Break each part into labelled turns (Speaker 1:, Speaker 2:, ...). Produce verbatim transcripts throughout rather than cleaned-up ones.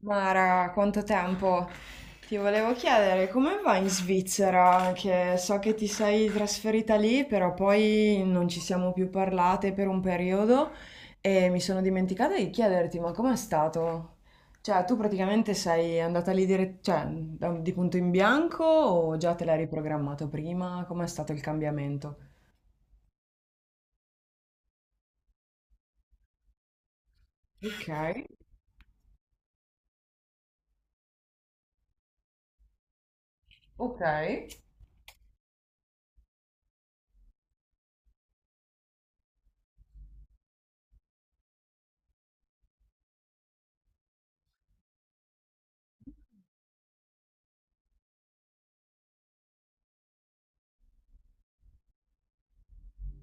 Speaker 1: Mara, quanto tempo? Ti volevo chiedere come va in Svizzera, che so che ti sei trasferita lì, però poi non ci siamo più parlate per un periodo e mi sono dimenticata di chiederti, ma com'è stato? Cioè, tu praticamente sei andata lì dire- cioè, da- di punto in bianco o già te l'hai riprogrammato prima? Com'è stato il cambiamento? Ok, ok.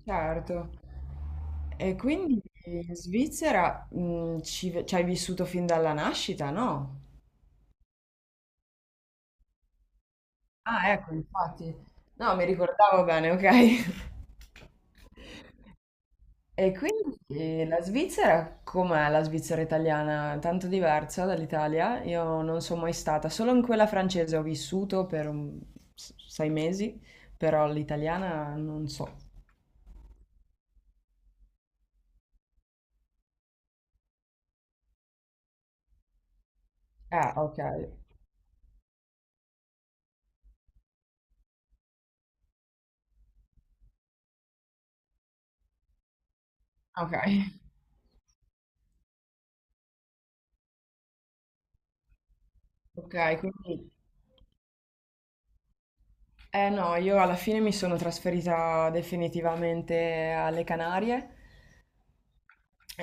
Speaker 1: Certo. E quindi in Svizzera, mh, ci, ci hai vissuto fin dalla nascita, no? Ah, ecco, infatti. No, mi ricordavo bene, ok. E quindi eh, la Svizzera, com'è la Svizzera italiana? Tanto diversa dall'Italia? Io non sono mai stata, solo in quella francese ho vissuto per un- s- sei mesi, però l'italiana non so. Ah, ok, ok, ok, quindi... Eh no, io alla fine mi sono trasferita definitivamente alle Canarie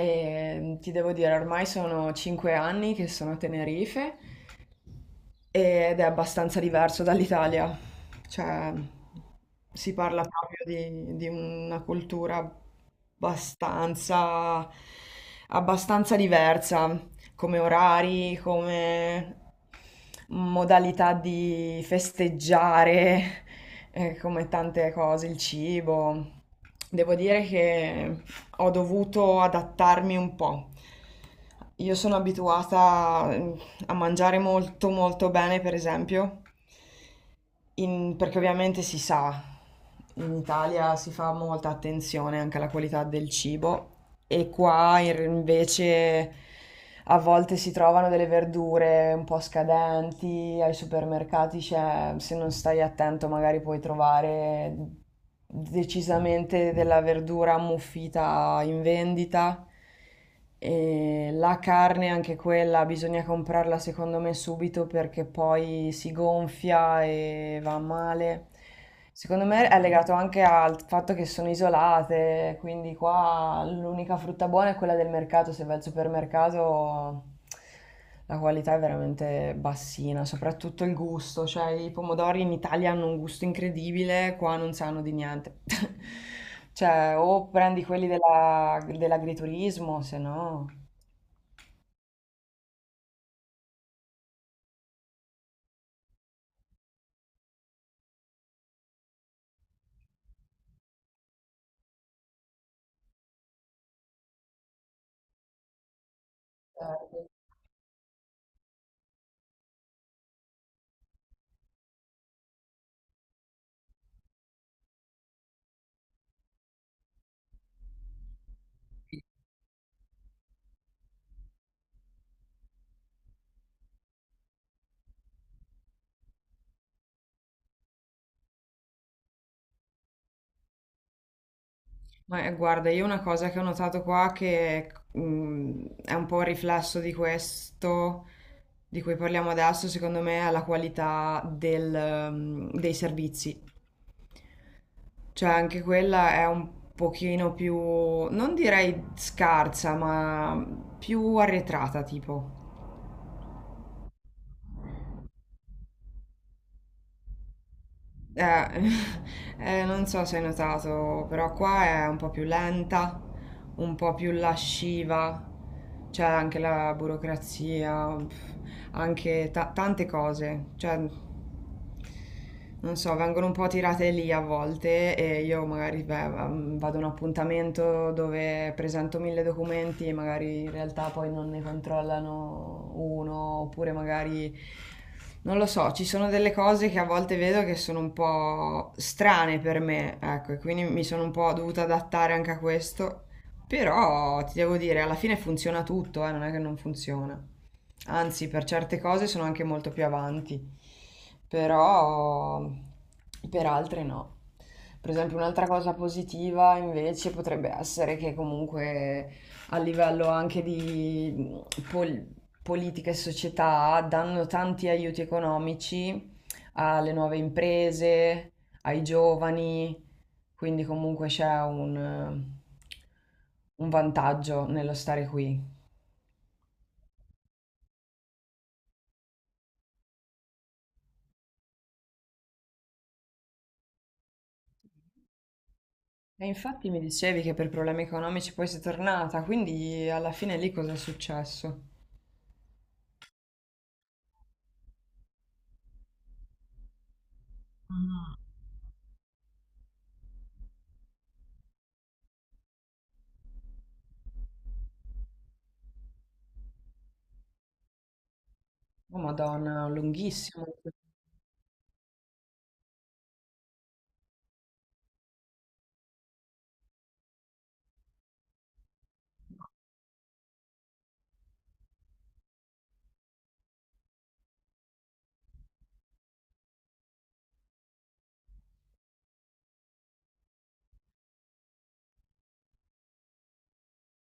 Speaker 1: e mm, ti devo dire, ormai sono cinque anni che sono a Tenerife ed è abbastanza diverso dall'Italia, cioè si parla proprio di, di una cultura abbastanza, abbastanza diversa come orari, come modalità di festeggiare, eh, come tante cose, il cibo. Devo dire che ho dovuto adattarmi un po'. Io sono abituata mm, a mangiare molto molto bene, per esempio, in perché ovviamente si sa, in Italia si fa molta attenzione anche alla qualità del cibo e qua in r invece a volte si trovano delle verdure un po' scadenti, ai supermercati c'è se non stai attento magari puoi trovare decisamente della verdura ammuffita in vendita. E la carne, anche quella, bisogna comprarla secondo me subito perché poi si gonfia e va male. Secondo me è legato anche al fatto che sono isolate, quindi qua l'unica frutta buona è quella del mercato, se vai al supermercato la qualità è veramente bassina, soprattutto il gusto, cioè i pomodori in Italia hanno un gusto incredibile, qua non sanno di niente. Cioè, o prendi quelli della- dell'agriturismo, se no... Ma eh, guarda, io una cosa che ho notato qua che mm, è un po' un riflesso di questo di cui parliamo adesso, secondo me, è la qualità del, mm, dei servizi. Cioè, anche quella è un pochino più, non direi scarsa, ma più arretrata, tipo. Eh, eh, non so se hai notato, però qua è un po' più lenta, un po' più lasciva, c'è anche la burocrazia, pff, anche ta- tante cose. Cioè, non so, vengono un po' tirate lì a volte e io magari beh, mm, vado a un appuntamento dove presento mille documenti e magari in realtà poi non ne controllano uno, oppure magari non lo so, ci sono delle cose che a volte vedo che sono un po' strane per me, ecco, e quindi mi sono un po' dovuta adattare anche a questo. Però ti devo dire, alla fine funziona tutto, eh, non è che non funziona. Anzi, per certe cose sono anche molto più avanti, però per altre no. Per esempio, un'altra cosa positiva invece potrebbe essere che comunque a livello anche di mh, pol- politica e società danno tanti aiuti economici alle nuove imprese, ai giovani, quindi comunque c'è un un vantaggio nello stare qui. E infatti mi dicevi che per problemi economici poi sei tornata, quindi alla fine lì cosa è successo? Oh Madonna, lunghissimo il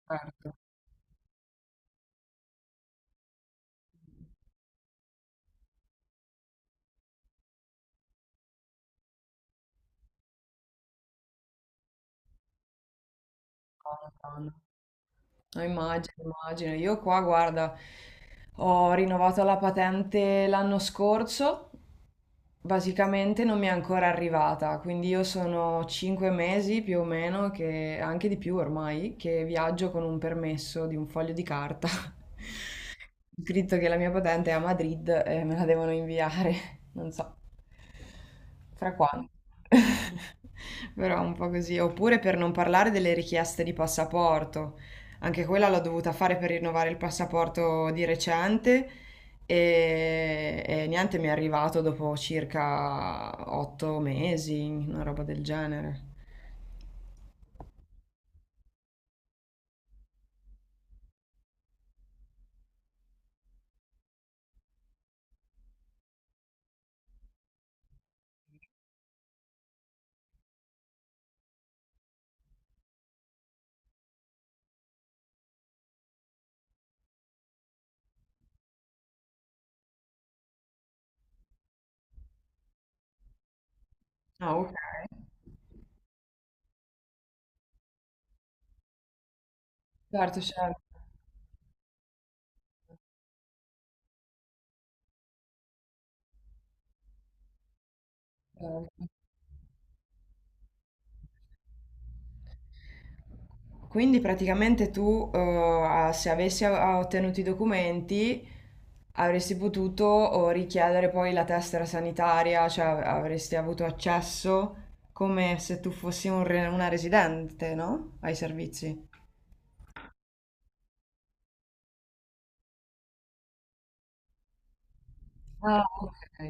Speaker 1: concerto. Oh, Madonna. No, immagino, immagino. Io qua, guarda, ho rinnovato la patente l'anno scorso, basicamente non mi è ancora arrivata, quindi io sono cinque mesi più o meno, che, anche di più ormai, che viaggio con un permesso di un foglio di carta. Scritto che la mia patente è a Madrid e me la devono inviare, non so fra quanto. Però un po' così. Oppure per non parlare delle richieste di passaporto. Anche quella l'ho dovuta fare per rinnovare il passaporto di recente e, e niente, mi è arrivato dopo circa otto mesi, una roba del genere. Ah, ok. Certo, certo. Quindi praticamente tu, eh, a- se avessi a- ottenuto i documenti, avresti potuto oh, richiedere poi la tessera sanitaria, cioè av- avresti avuto accesso come se tu fossi un re- una residente, no? Ai servizi. Ah, ok.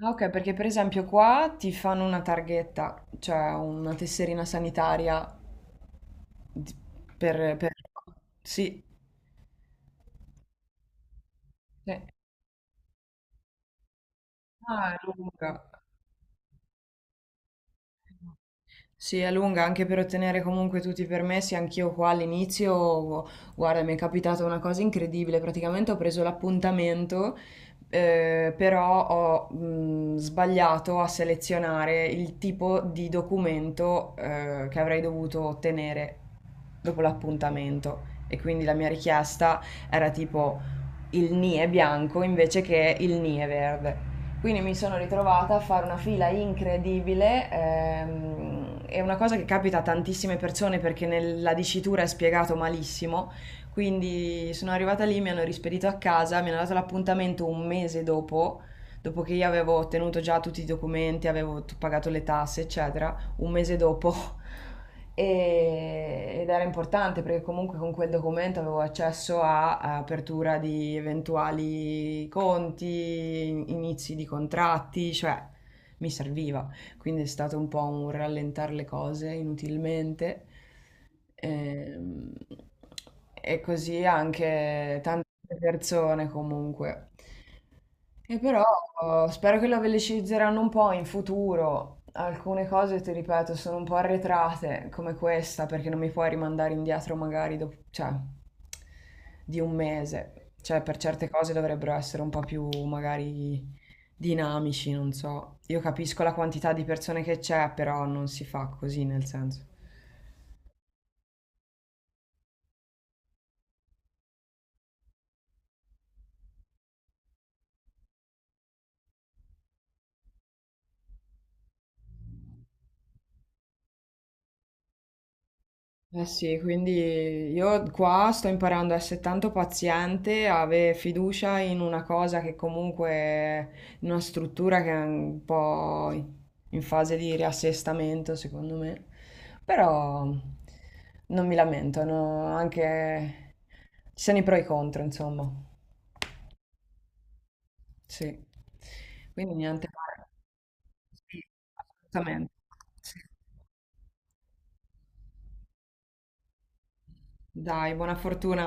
Speaker 1: Ah, ok, perché per esempio qua ti fanno una targhetta, cioè una tesserina sanitaria di- per, per... Sì, sì. Ah, è lunga. Sì, è lunga anche per ottenere comunque tutti i permessi. Anch'io qua all'inizio, guarda, mi è capitata una cosa incredibile. Praticamente ho preso l'appuntamento, eh, però ho mh, sbagliato a selezionare il tipo di documento, eh, che avrei dovuto ottenere dopo l'appuntamento. E quindi la mia richiesta era tipo il ni è bianco invece che il ni è verde. Quindi mi sono ritrovata a fare una fila incredibile. ehm, è una cosa che capita a tantissime persone perché nella dicitura è spiegato malissimo. Quindi sono arrivata lì, mi hanno rispedito a casa, mi hanno dato l'appuntamento un mese dopo, dopo che io avevo ottenuto già tutti i documenti, avevo t- pagato le tasse, eccetera un mese dopo. E- ed era importante perché comunque con quel documento avevo accesso a, a apertura di eventuali conti, inizi di contratti, cioè mi serviva. Quindi è stato un po' un rallentare le cose inutilmente. Ehm, E, così anche tante persone comunque. E però oh, spero che la velocizzeranno un po' in futuro. Alcune cose, ti ripeto, sono un po' arretrate, come questa, perché non mi puoi rimandare indietro magari dopo, cioè, di un mese. Cioè, per certe cose dovrebbero essere un po' più magari dinamici, non so. Io capisco la quantità di persone che c'è, però non si fa così, nel senso. Eh sì, quindi io qua sto imparando a essere tanto paziente, a avere fiducia in una cosa che comunque è in una struttura che è un po' in fase di riassestamento, secondo me. Però non mi lamento, no, anche ci sono i pro e i contro, insomma. Sì. Quindi niente. Male. Sì, assolutamente. Sì. Dai, buona fortuna.